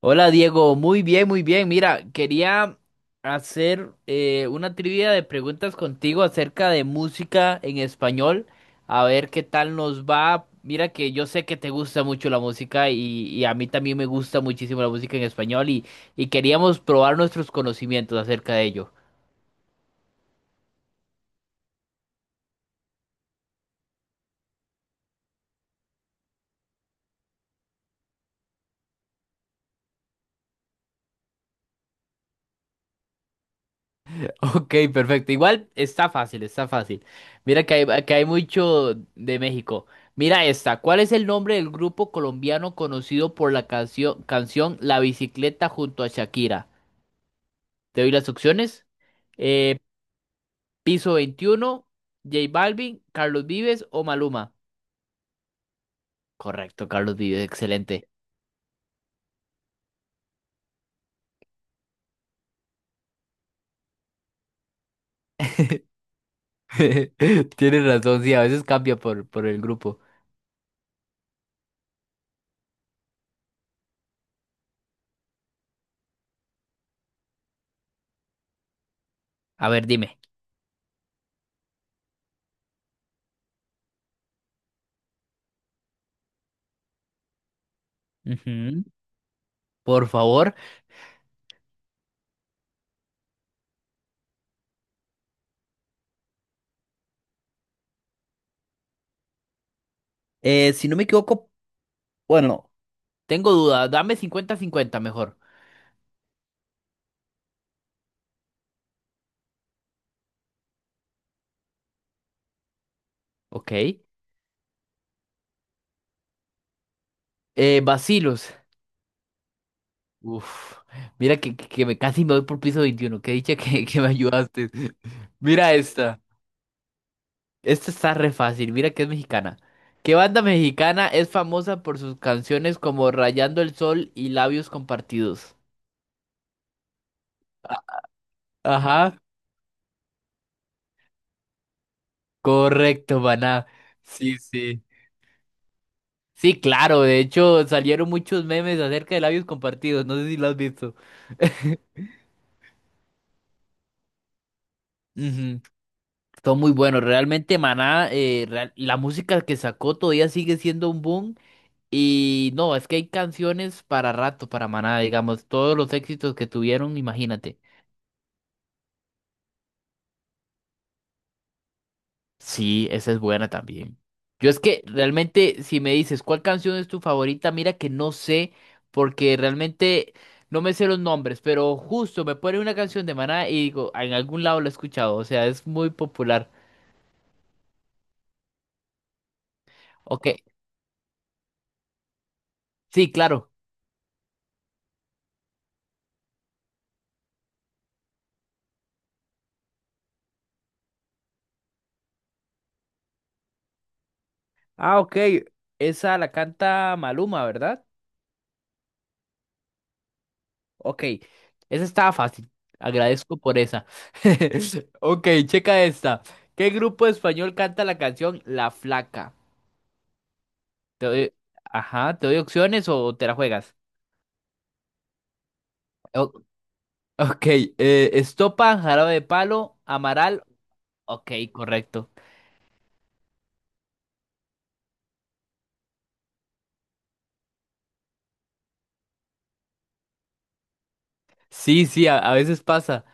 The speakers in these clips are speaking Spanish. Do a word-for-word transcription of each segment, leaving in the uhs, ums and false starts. Hola Diego, muy bien, muy bien. Mira, quería hacer eh, una trivia de preguntas contigo acerca de música en español, a ver qué tal nos va. Mira que yo sé que te gusta mucho la música y, y a mí también me gusta muchísimo la música en español y, y queríamos probar nuestros conocimientos acerca de ello. Ok, perfecto. Igual está fácil, está fácil. Mira que hay, que hay mucho de México. Mira esta. ¿Cuál es el nombre del grupo colombiano conocido por la cancio- canción La Bicicleta junto a Shakira? Te doy las opciones. Eh, Piso veintiuno, J Balvin, Carlos Vives o Maluma. Correcto, Carlos Vives, excelente. Tienes razón, sí, a veces cambia por, por el grupo. A ver, dime. Ujú. Por favor. Eh, si no me equivoco, bueno, no. Tengo duda, dame cincuenta-cincuenta mejor. Ok. Eh, Bacilos. Uf. Mira que, que que me casi me voy por piso veintiuno. Qué dicha que, que me ayudaste. Mira esta. Esta está re fácil. Mira que es mexicana. ¿Qué banda mexicana es famosa por sus canciones como Rayando el Sol y Labios Compartidos? A- Ajá. Correcto, Maná. Sí, sí. Sí, claro. De hecho, salieron muchos memes acerca de labios compartidos. No sé si lo has visto. Ujú. Todo muy bueno. Realmente Maná, eh, real- la música que sacó todavía sigue siendo un boom. Y no, es que hay canciones para rato para Maná, digamos, todos los éxitos que tuvieron, imagínate. Sí, esa es buena también. Yo es que realmente, si me dices cuál canción es tu favorita, mira que no sé, porque realmente no me sé los nombres, pero justo me pone una canción de Maná y digo: "Ah, en algún lado la he escuchado, o sea, es muy popular". Ok, sí, claro. Ah, ok. Esa la canta Maluma, ¿verdad? Ok. Esa estaba fácil. Agradezco por esa. Ok, checa esta. ¿Qué grupo español canta la canción La Flaca? Te doy. Ajá, ¿te doy opciones o te la juegas? O- ok, eh, Estopa, Jarabe de Palo, Amaral. Ok, correcto. Sí, sí, a, a veces pasa.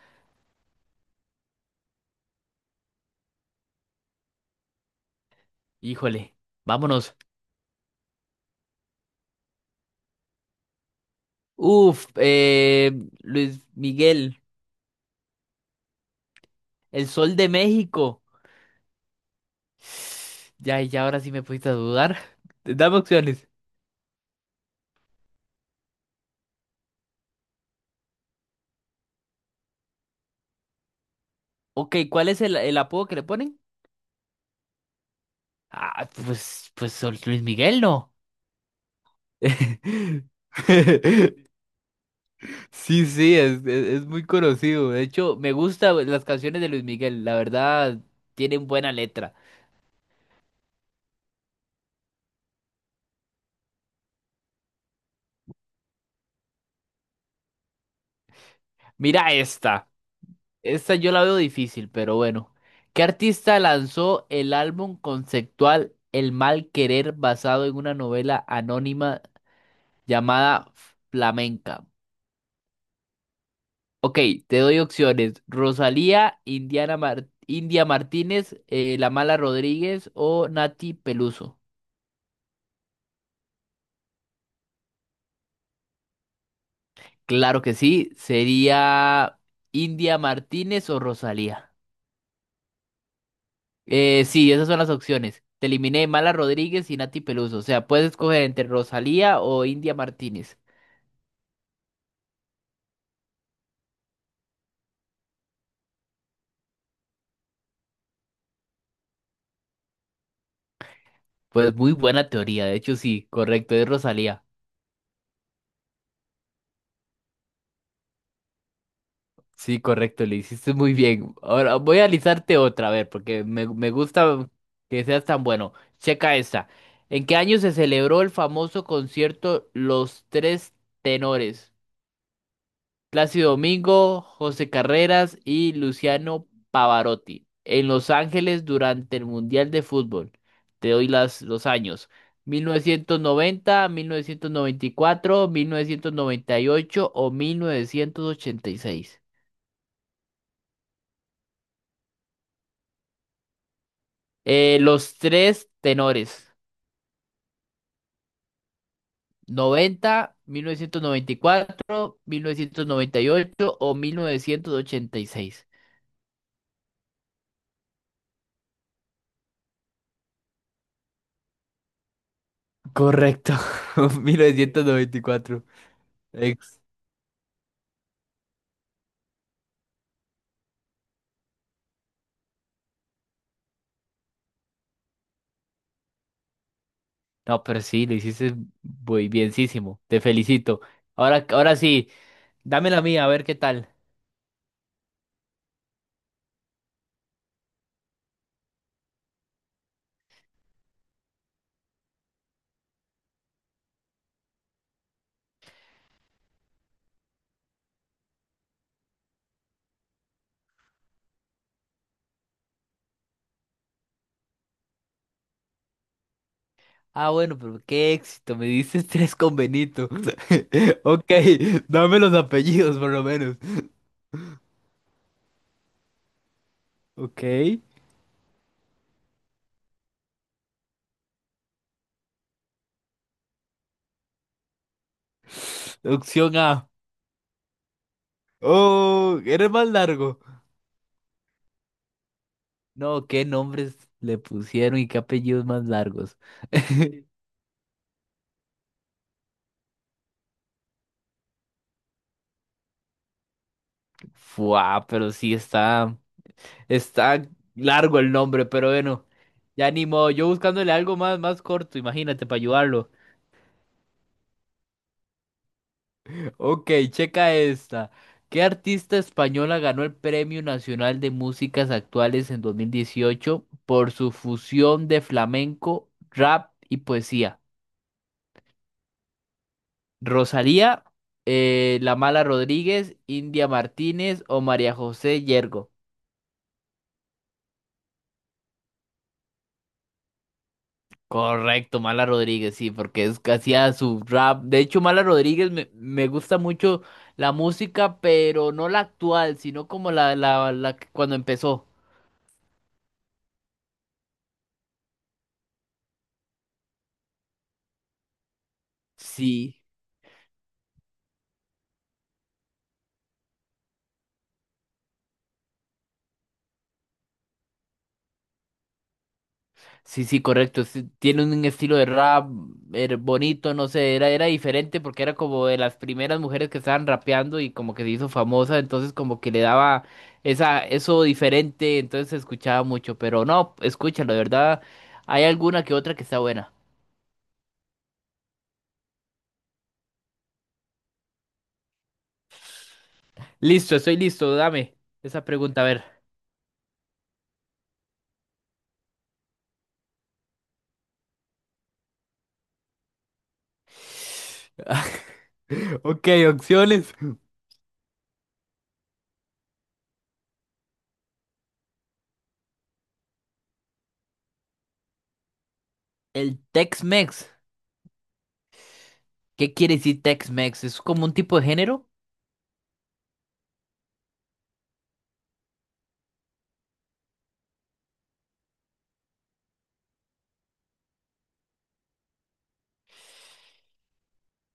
Híjole, vámonos. Uf, eh, Luis Miguel, El Sol de México. Ya, ya ahora sí me pusiste a dudar. Dame opciones. Ok, ¿cuál es el, el apodo que le ponen? Ah, pues, pues Sol- Luis Miguel, ¿no? Sí, sí, es, es, es muy conocido. De hecho, me gustan las canciones de Luis Miguel. La verdad, tienen buena letra. Mira esta. Esta yo la veo difícil, pero bueno. ¿Qué artista lanzó el álbum conceptual El mal querer, basado en una novela anónima llamada Flamenca? Ok, te doy opciones. Rosalía, Indiana Mar- India Martínez, eh, La Mala Rodríguez o Nati Peluso. Claro que sí, sería India Martínez o Rosalía. Eh, sí, esas son las opciones. Te eliminé Mala Rodríguez y Nati Peluso. O sea, puedes escoger entre Rosalía o India Martínez. Pues muy buena teoría, de hecho sí, correcto, es Rosalía. Sí, correcto, le hiciste muy bien. Ahora voy a alisarte otra, a ver, porque me, me gusta que seas tan bueno. Checa esta. ¿En qué año se celebró el famoso concierto Los Tres Tenores? Plácido Domingo, José Carreras y Luciano Pavarotti. En Los Ángeles durante el Mundial de Fútbol. Te doy las, los años. Mil mil mil novecientos novecientos novecientos noventa, noventa y cuatro, mil novecientos noventa y ocho o mil novecientos ochenta y seis. Eh, Los tres tenores: noventa noventa mil mil novecientos novecientos y cuatro, mil novecientos noventa y ocho o mil novecientos ochenta y seis. Correcto, mil novecientos noventa y cuatro. Ex. No, pero sí, lo hiciste muy bienísimo. Te felicito. Ahora, ahora sí, dame la mía, a ver qué tal. Ah, bueno, pero qué éxito, me dices tres con Benito. Ok, dame los apellidos por lo menos. Ok. Opción A. Oh, eres más largo. No, qué nombres le pusieron y qué apellidos más largos. Fua, pero sí está, está largo el nombre, pero bueno, ya ni modo. Yo buscándole algo más, más corto, imagínate, para ayudarlo. Ok, checa esta. ¿Qué artista española ganó el Premio Nacional de Músicas Actuales en dos mil dieciocho por su fusión de flamenco, rap y poesía? Rosalía, eh, La Mala Rodríguez, India Martínez o María José Yergo. Correcto, Mala Rodríguez, sí, porque es que hacía su rap. De hecho, Mala Rodríguez me, me gusta mucho la música, pero no la actual, sino como la, la, la que- cuando empezó. Sí. Sí, sí, correcto. Sí, tiene un estilo de rap er, bonito, no sé, era, era diferente porque era como de las primeras mujeres que estaban rapeando y como que se hizo famosa, entonces como que le daba esa, eso diferente, entonces se escuchaba mucho, pero no, escúchalo, de verdad, hay alguna que otra que está buena. Listo, estoy listo, dame esa pregunta, a ver. Ok, opciones. El Tex-Mex. ¿Qué quiere decir Tex-Mex? ¿Es como un tipo de género?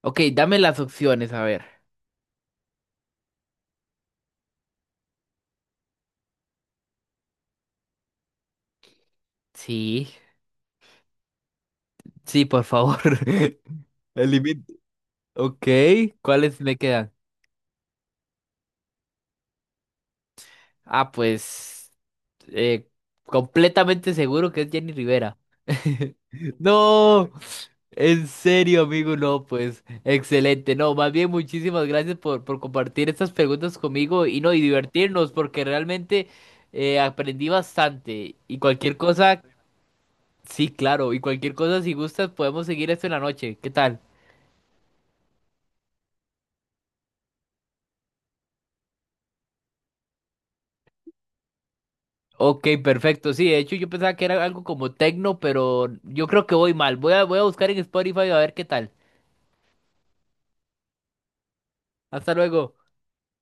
Ok, dame las opciones, a ver. Sí. Sí, por favor. El límite. Ok, ¿cuáles me quedan? Ah, pues eh, completamente seguro que es Jenny Rivera. No, en serio, amigo, no, pues excelente. No, más bien muchísimas gracias por, por compartir estas preguntas conmigo y no, y divertirnos, porque realmente eh, aprendí bastante. Y cualquier cosa, sí, claro, y cualquier cosa, si gustas, podemos seguir esto en la noche. ¿Qué tal? Ok, perfecto. Sí, de hecho yo pensaba que era algo como techno, pero yo creo que voy mal. Voy a, voy a buscar en Spotify a ver qué tal. Hasta luego.